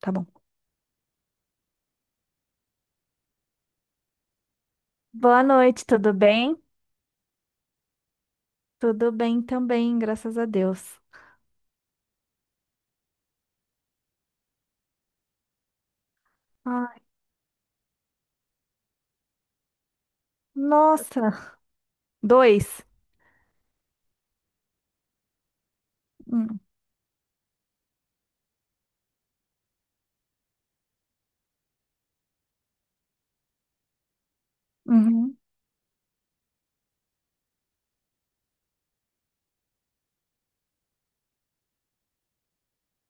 Tá bom. Boa noite, tudo bem? Tudo bem também, graças a Deus. Ai, nossa, dois. Hum, uhum.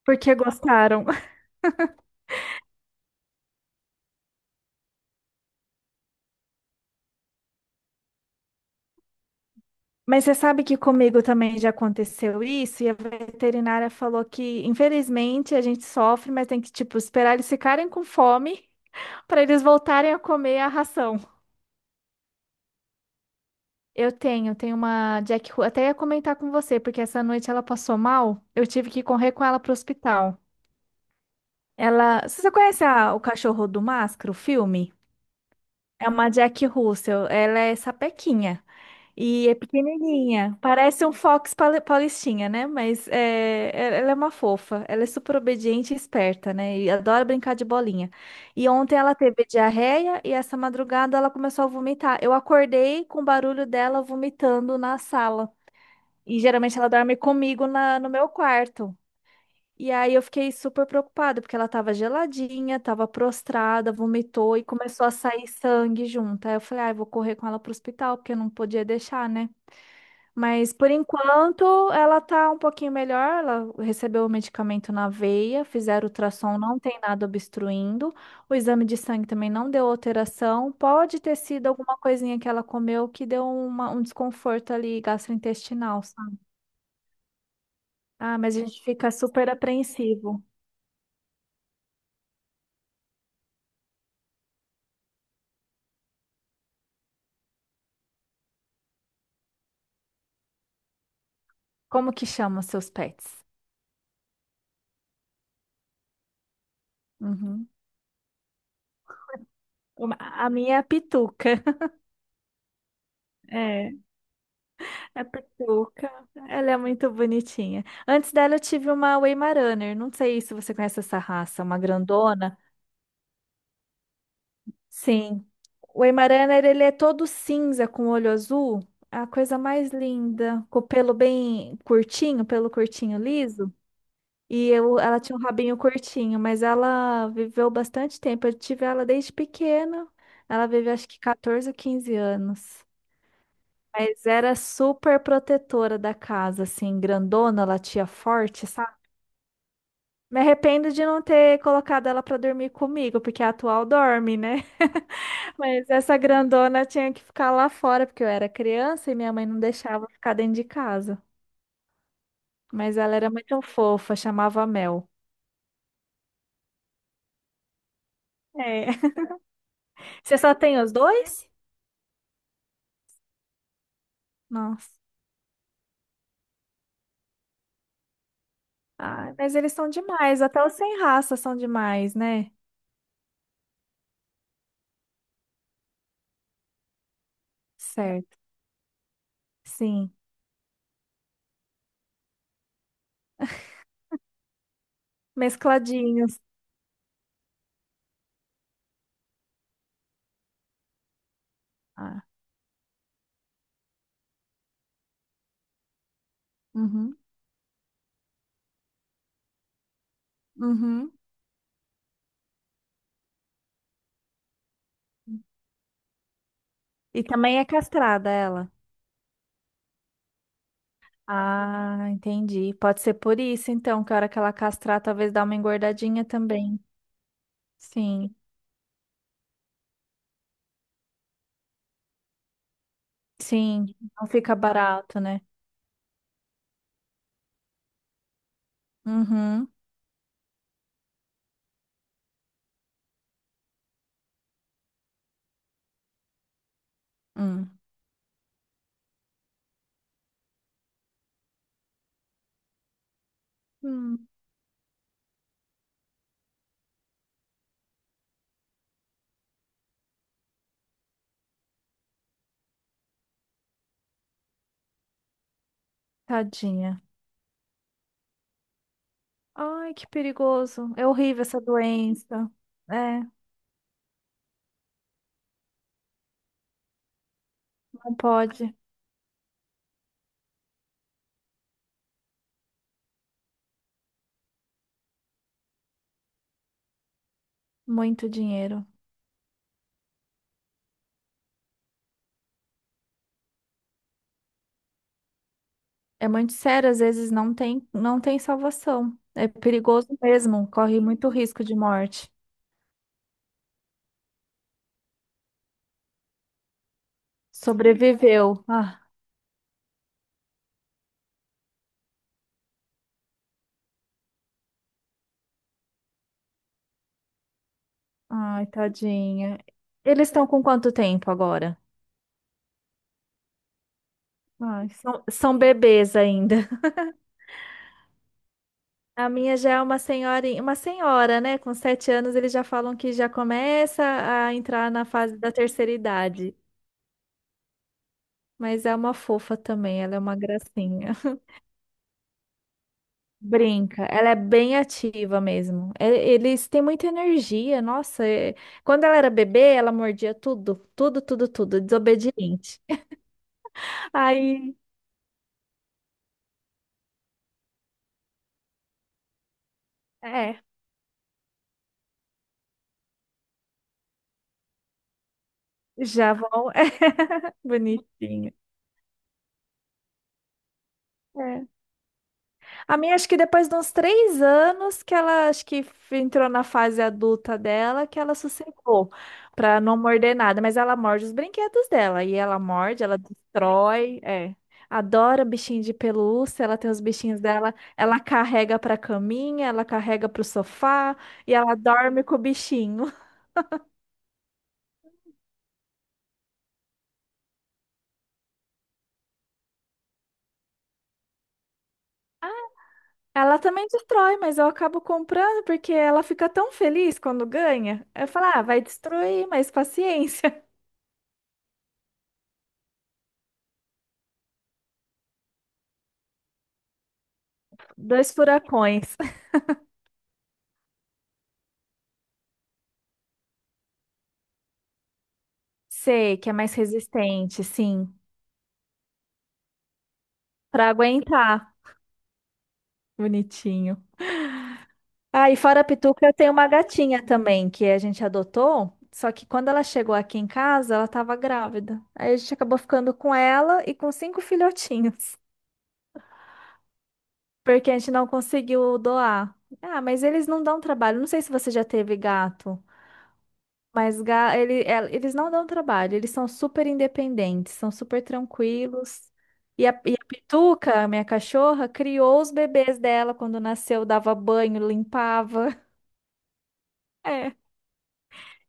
Porque gostaram. Mas você sabe que comigo também já aconteceu isso, e a veterinária falou que, infelizmente, a gente sofre, mas tem que, tipo, esperar eles ficarem com fome para eles voltarem a comer a ração. Tenho uma Jack Russell, até ia comentar com você, porque essa noite ela passou mal, eu tive que correr com ela para o hospital. Ela. Você só conhece o Cachorro do Máscara, o filme? É uma Jack Russell. Ela é sapequinha e é pequenininha. Parece um Paulistinha, né? Ela é uma fofa. Ela é super obediente e esperta, né? E adora brincar de bolinha. E ontem ela teve diarreia e essa madrugada ela começou a vomitar. Eu acordei com o barulho dela vomitando na sala. E geralmente ela dorme comigo no meu quarto. E aí eu fiquei super preocupada, porque ela tava geladinha, tava prostrada, vomitou e começou a sair sangue junto. Aí eu falei, ah, eu vou correr com ela pro hospital, porque eu não podia deixar, né? Mas por enquanto ela tá um pouquinho melhor, ela recebeu o medicamento na veia, fizeram ultrassom, não tem nada obstruindo. O exame de sangue também não deu alteração. Pode ter sido alguma coisinha que ela comeu que deu um desconforto ali gastrointestinal, sabe? Ah, mas a gente fica super apreensivo. Como que chamam seus pets? Uhum. A minha é a Pituca. É. A Pituca. Ela é muito bonitinha. Antes dela, eu tive uma Weimaraner. Não sei se você conhece essa raça, uma grandona. Sim. O Weimaraner, ele é todo cinza com olho azul. É a coisa mais linda. Com o pelo bem curtinho, pelo curtinho liso. Ela tinha um rabinho curtinho, mas ela viveu bastante tempo. Eu tive ela desde pequena. Ela viveu acho que 14 ou 15 anos. Mas era super protetora da casa, assim, grandona. Ela latia forte, sabe? Me arrependo de não ter colocado ela pra dormir comigo, porque a atual dorme, né? Mas essa grandona tinha que ficar lá fora, porque eu era criança e minha mãe não deixava ficar dentro de casa. Mas ela era muito fofa, chamava Mel. É. Você só tem os dois? Nossa. Ai, mas eles são demais, até os sem raça são demais, né? Certo, sim. Mescladinhos. Ah, uhum, uhum. E também é castrada ela. Ah, entendi. Pode ser por isso, então, que a hora que ela castrar, talvez dá uma engordadinha também. Sim, sim. Não fica barato, né? Uhum. Hum. Hum, tadinha. Ai, que perigoso. É horrível essa doença. É, não pode. Muito dinheiro. É muito sério, às vezes não tem salvação. É perigoso mesmo, corre muito risco de morte. Sobreviveu. Ah, ai, tadinha. Eles estão com quanto tempo agora? Ai, são bebês ainda. A minha já é uma senhorinha, uma senhora, né? Com 7 anos eles já falam que já começa a entrar na fase da terceira idade. Mas é uma fofa também, ela é uma gracinha. Brinca, ela é bem ativa mesmo. Eles têm muita energia, nossa. Quando ela era bebê, ela mordia tudo, tudo, tudo, tudo, desobediente. Aí, é, já vão, é bonitinho. A minha, acho que depois de uns três anos que ela, acho que entrou na fase adulta dela, que ela sossegou pra não morder nada, mas ela morde os brinquedos dela, e ela morde, ela destrói, é. Adora bichinho de pelúcia, ela tem os bichinhos dela, ela carrega pra caminha, ela carrega pro sofá, e ela dorme com o bichinho. Ela também destrói, mas eu acabo comprando porque ela fica tão feliz quando ganha. Eu falo, ah, vai destruir, mas paciência. Dois furacões. Sei que é mais resistente, sim, pra aguentar. Bonitinho. Ah, e fora a Pituca, eu tenho uma gatinha também que a gente adotou. Só que quando ela chegou aqui em casa, ela estava grávida. Aí a gente acabou ficando com ela e com cinco filhotinhos, porque a gente não conseguiu doar. Ah, mas eles não dão trabalho. Não sei se você já teve gato. Mas eles não dão trabalho, eles são super independentes, são super tranquilos. E a Pituca, minha cachorra, criou os bebês dela quando nasceu, dava banho, limpava. É.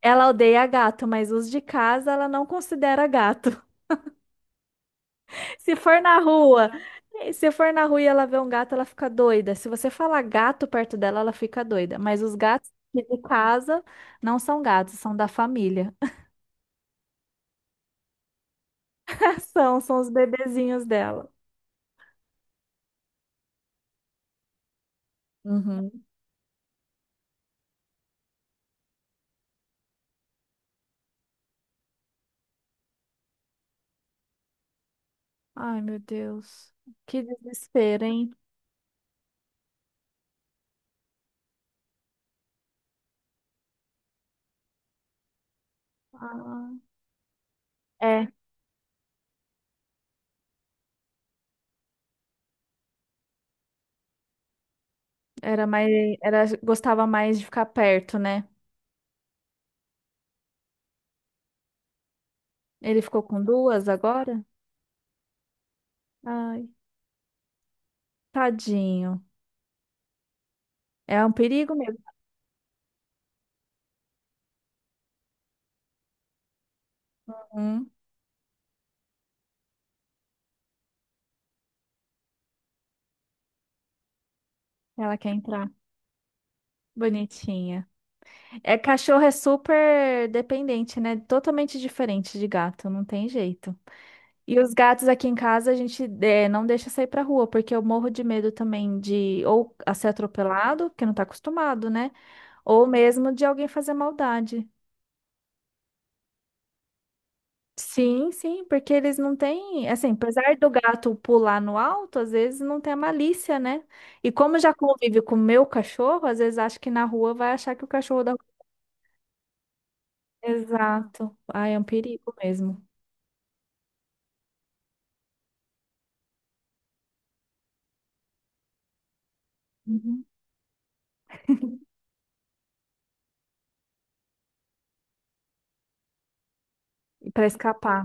Ela odeia gato, mas os de casa ela não considera gato. Se for na rua, se for na rua e ela vê um gato, ela fica doida. Se você falar gato perto dela, ela fica doida. Mas os gatos de casa não são gatos, são da família. São os bebezinhos dela. Uhum. Ai, meu Deus. Que desespero, hein? Ah, é, era mais, era, gostava mais de ficar perto, né? Ele ficou com duas agora? Ai, tadinho. É um perigo mesmo. Hum, ela quer entrar. Bonitinha. É, cachorro é super dependente, né? Totalmente diferente de gato, não tem jeito. E os gatos aqui em casa a gente não deixa sair pra rua, porque eu morro de medo também de ou a ser atropelado, que não tá acostumado, né? Ou mesmo de alguém fazer maldade. Sim, sim, porque eles não têm, assim, apesar do gato pular no alto, às vezes não tem a malícia, né? E como já convive com o meu cachorro, às vezes acha que na rua vai achar que o cachorro da rua. Exato. Ai, é um perigo mesmo. Uhum. E para escapar.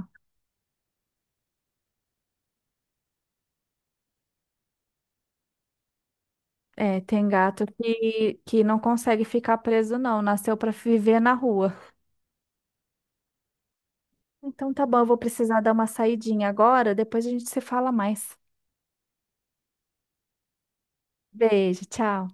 É, tem gato que não consegue ficar preso, não. Nasceu para viver na rua. Então tá bom, eu vou precisar dar uma saidinha agora, depois a gente se fala mais. Beijo, tchau.